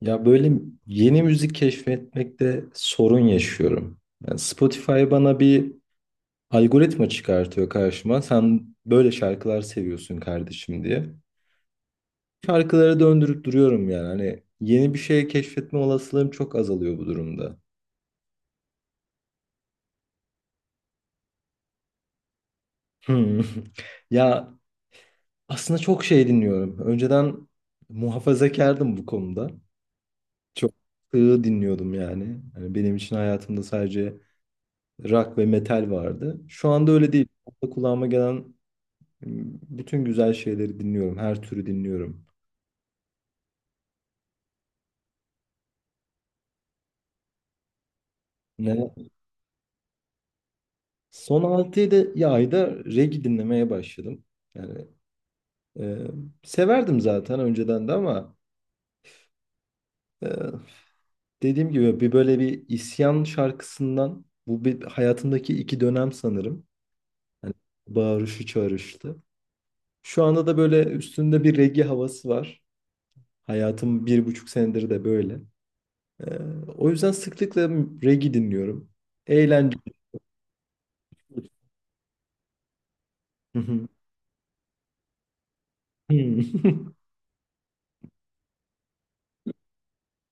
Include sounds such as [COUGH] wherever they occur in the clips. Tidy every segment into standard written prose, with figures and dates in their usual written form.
Ya böyle yeni müzik keşfetmekte sorun yaşıyorum. Yani Spotify bana bir algoritma çıkartıyor karşıma. Sen böyle şarkılar seviyorsun kardeşim diye. Şarkılara döndürüp duruyorum yani. Hani yeni bir şey keşfetme olasılığım çok azalıyor bu durumda. Hmm. [LAUGHS] Ya aslında çok şey dinliyorum. Önceden muhafazakardım bu konuda. Çok sığ dinliyordum yani. Hani benim için hayatımda sadece rock ve metal vardı. Şu anda öyle değil. Şu anda kulağıma gelen bütün güzel şeyleri dinliyorum. Her türü dinliyorum. Ne? Son 6-7 ayda reggae dinlemeye başladım. Yani e, severdim zaten önceden de ama e, dediğim gibi bir böyle bir isyan şarkısından bu bir hayatımdaki iki dönem sanırım. Yani bağırışı çağrıştı. Şu anda da böyle üstünde bir reggae havası var. Hayatım bir buçuk senedir de böyle. Ee, O yüzden sıklıkla reggae dinliyorum. Eğlenceli. Hı hı. Hı. [LAUGHS]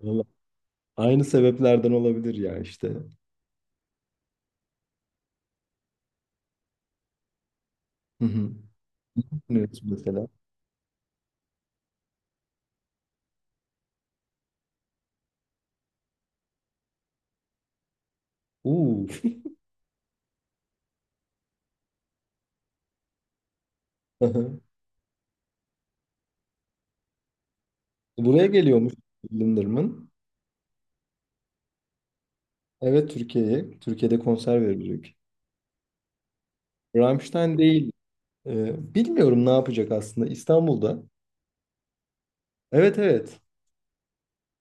Vallahi aynı sebeplerden olabilir ya işte. Hı hı. Dinliyoruz mesela. Uuu. [LAUGHS] Hı hı. Buraya geliyormuş Linderman. Evet, Türkiye'ye. Türkiye'de konser verecek. Rammstein değil. Bilmiyorum ne yapacak aslında İstanbul'da. Evet evet.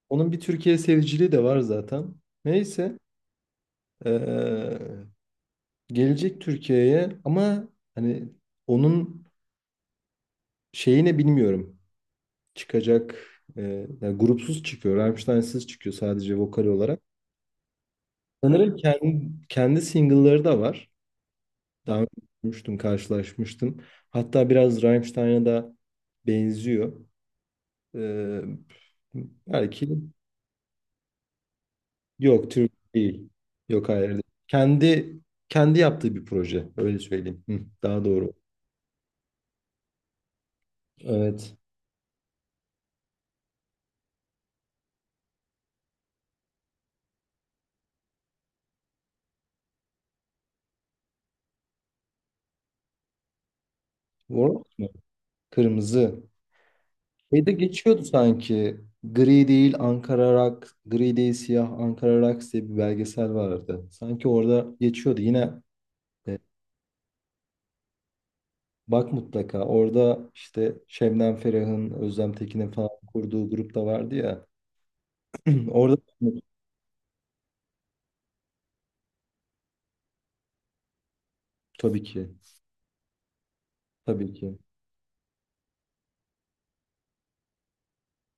Onun bir Türkiye seviciliği de var zaten. Neyse. ee, Gelecek Türkiye'ye ama hani onun şeyini bilmiyorum. Çıkacak e, yani grupsuz çıkıyor. Rammstein'siz çıkıyor sadece vokal olarak. Sanırım kendi single'ları da var. Daha önce görmüştüm, karşılaşmıştım. Hatta biraz Rammstein'a da benziyor. E, belki Yok, Türk değil. Yok hayır, değil. Kendi kendi yaptığı bir proje. Öyle söyleyeyim. Hı, daha doğru. Evet. Warhol mu? Kırmızı. Şeyde geçiyordu sanki. Gri değil Ankara Rock, gri değil siyah Ankara Rocks diye bir belgesel vardı. Sanki orada geçiyordu. Yine e, bak mutlaka orada işte Şebnem Ferah'ın, Özlem Tekin'in falan kurduğu grup da vardı ya. [CLEARS THROAT] Orada tabii ki. Tabii ki.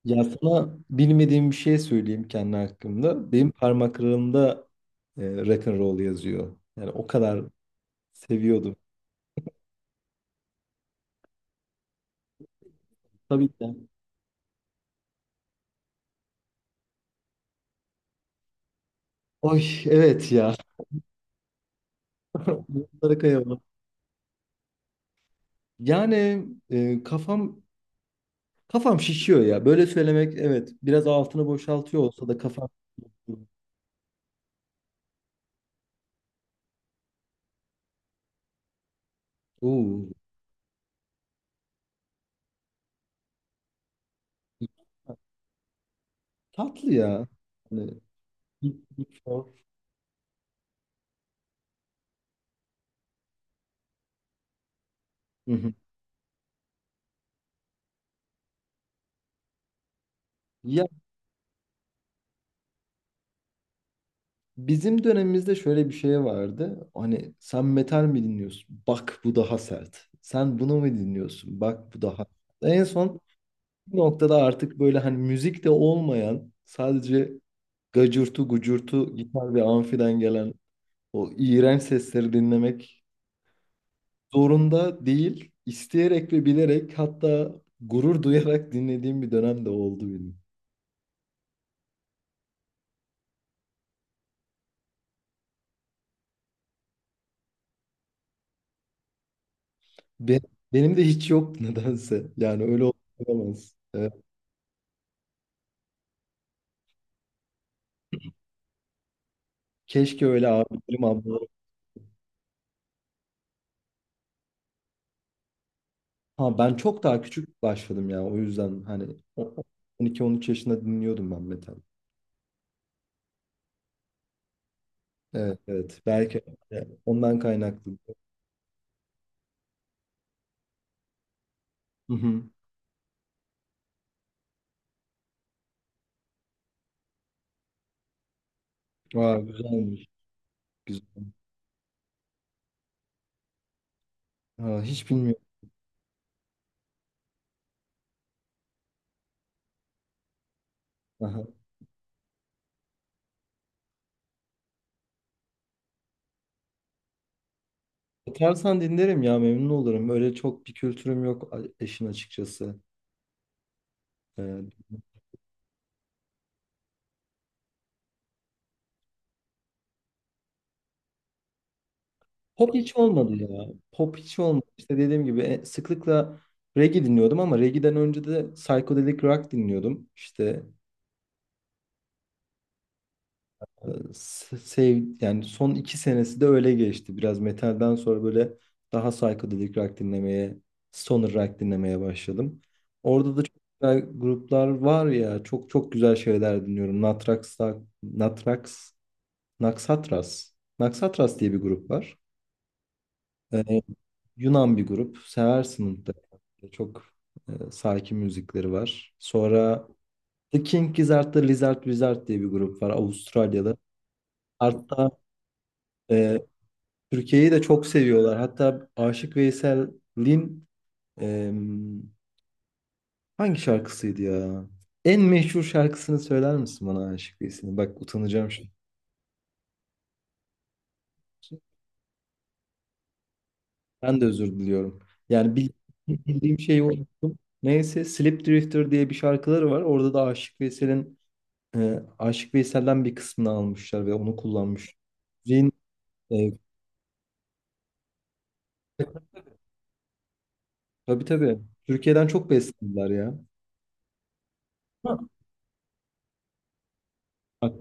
Ya sana bilmediğim bir şey söyleyeyim kendi hakkımda. Benim parmaklarımda rock and roll yazıyor. Yani o kadar seviyordum. Tabii ki. Oy evet ya. [LAUGHS] Bunlara kıyamam. Yani kafam şişiyor ya. Böyle söylemek evet biraz altını boşaltıyor olsa da kafam. Oo, tatlı ya. Hani Big Four. Hı hı. Ya bizim dönemimizde şöyle bir şey vardı. Hani sen metal mi dinliyorsun? Bak bu daha sert. Sen bunu mu dinliyorsun? Bak bu daha. En son bir noktada artık böyle hani müzik de olmayan sadece gacırtı gucurtu gitar ve amfiden gelen o iğrenç sesleri dinlemek zorunda değil, isteyerek ve bilerek hatta gurur duyarak dinlediğim bir dönem de oldu benim. Be- Benim de hiç yok nedense. Yani öyle olamaz. Evet. Keşke öyle abilerim ablalarım. Ha ben çok daha küçük başladım ya o yüzden hani 12-13 yaşında dinliyordum ben metal. Evet evet, belki yani ondan kaynaklı. Hı hı. Aa, güzelmiş, güzel. Ha, hiç bilmiyorum. Aha. Atarsan dinlerim ya, memnun olurum. Öyle çok bir kültürüm yok eşin açıkçası. Ee, Pop hiç olmadı ya. Pop hiç olmadı. İşte dediğim gibi sıklıkla reggae dinliyordum ama reggae'den önce de psychedelic rock dinliyordum. İşte e, sev yani son iki senesi de öyle geçti. Biraz metalden sonra böyle daha psychedelic rock dinlemeye, stoner rock dinlemeye başladım. Orada da çok güzel gruplar var ya. Çok çok güzel şeyler dinliyorum. Natrax, Naxatras. Naxatras diye bir grup var. Ee, Yunan bir grup. Seversin mutlaka. Çok sakin müzikleri var. Sonra The King Gizzard'da Lizard Wizard diye bir grup var Avustralya'da. Hatta e, Türkiye'yi de çok seviyorlar. Hatta Aşık Veysel'in e, hangi şarkısıydı ya? En meşhur şarkısını söyler misin bana Aşık Veysel'in? Bak utanacağım şimdi. Ben de özür diliyorum. Yani bildiğim şeyi unuttum. Neyse Slip Drifter diye bir şarkıları var. Orada da Aşık Veysel'den bir kısmını almışlar ve onu kullanmış. Müziğin, e, tabii tabii. Türkiye'den çok beslendiler ya. Ha. Bak,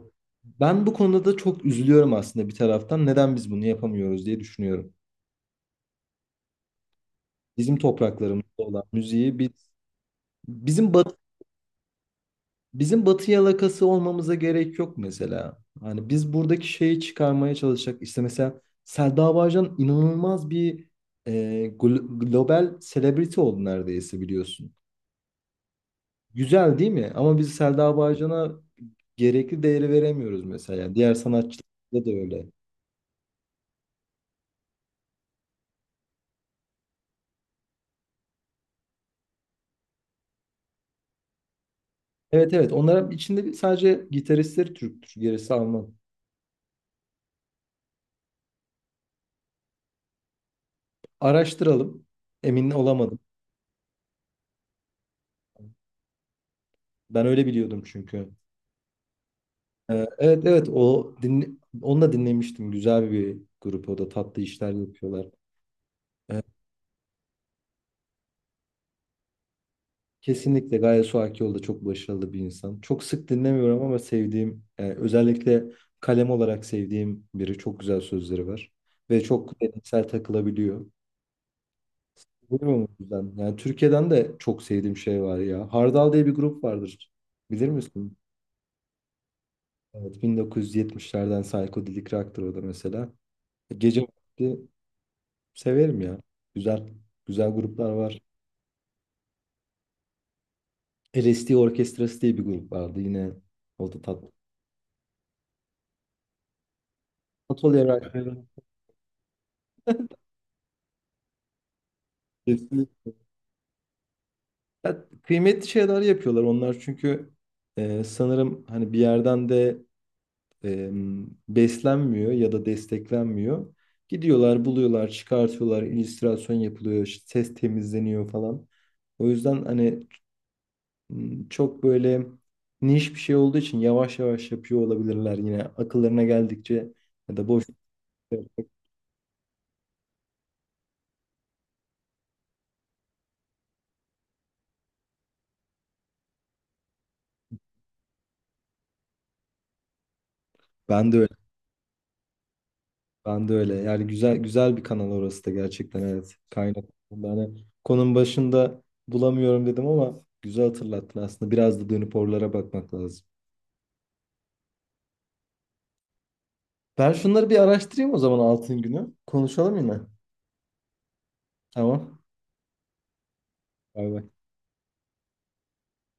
ben bu konuda da çok üzülüyorum aslında bir taraftan. Neden biz bunu yapamıyoruz diye düşünüyorum. Bizim topraklarımızda olan müziği biz bizim batı bizim batı yalakası olmamıza gerek yok mesela. Hani biz buradaki şeyi çıkarmaya çalışacak. İşte mesela Selda Bağcan inanılmaz bir e, global celebrity oldu neredeyse, biliyorsun. Güzel değil mi? Ama biz Selda Bağcan'a gerekli değeri veremiyoruz mesela. Yani diğer sanatçılarda da öyle. Evet evet. Onlara içinde sadece gitaristleri Türktür. Gerisi Alman. Araştıralım. Emin olamadım. Ben öyle biliyordum çünkü. Evet evet. Onu da dinlemiştim. Güzel bir grup, o da tatlı işler yapıyorlar. Ee, Kesinlikle Gaye Suakioğlu da çok başarılı bir insan. Çok sık dinlemiyorum ama sevdiğim, özellikle kalem olarak sevdiğim biri. Çok güzel sözleri var. Ve çok deneysel takılabiliyor. Bilmiyorum o yüzden. Yani Türkiye'den de çok sevdiğim şey var ya. Hardal diye bir grup vardır. Bilir misin? Evet, 1970'lerden psychedelic rock'tır o da mesela. Gece vakti severim ya. Güzel, güzel gruplar var. LSD Orkestrası diye bir grup vardı yine. O da tatlı. Atölye rock'ı. Ya, kıymetli şeyler yapıyorlar onlar çünkü sanırım hani bir yerden de e, beslenmiyor ya da desteklenmiyor. Gidiyorlar, buluyorlar, çıkartıyorlar, illüstrasyon yapılıyor, işte ses temizleniyor falan. O yüzden hani çok böyle niş bir şey olduğu için yavaş yavaş yapıyor olabilirler yine akıllarına geldikçe ya da boş. Ben de öyle. Ben de öyle. Yani güzel güzel bir kanal orası da gerçekten, evet. Kaynak. Yani konunun başında bulamıyorum dedim ama güzel hatırlattın aslında. Biraz da dönüp oralara bakmak lazım. Ben şunları bir araştırayım o zaman, altın günü. Konuşalım yine. Tamam. Bay bay.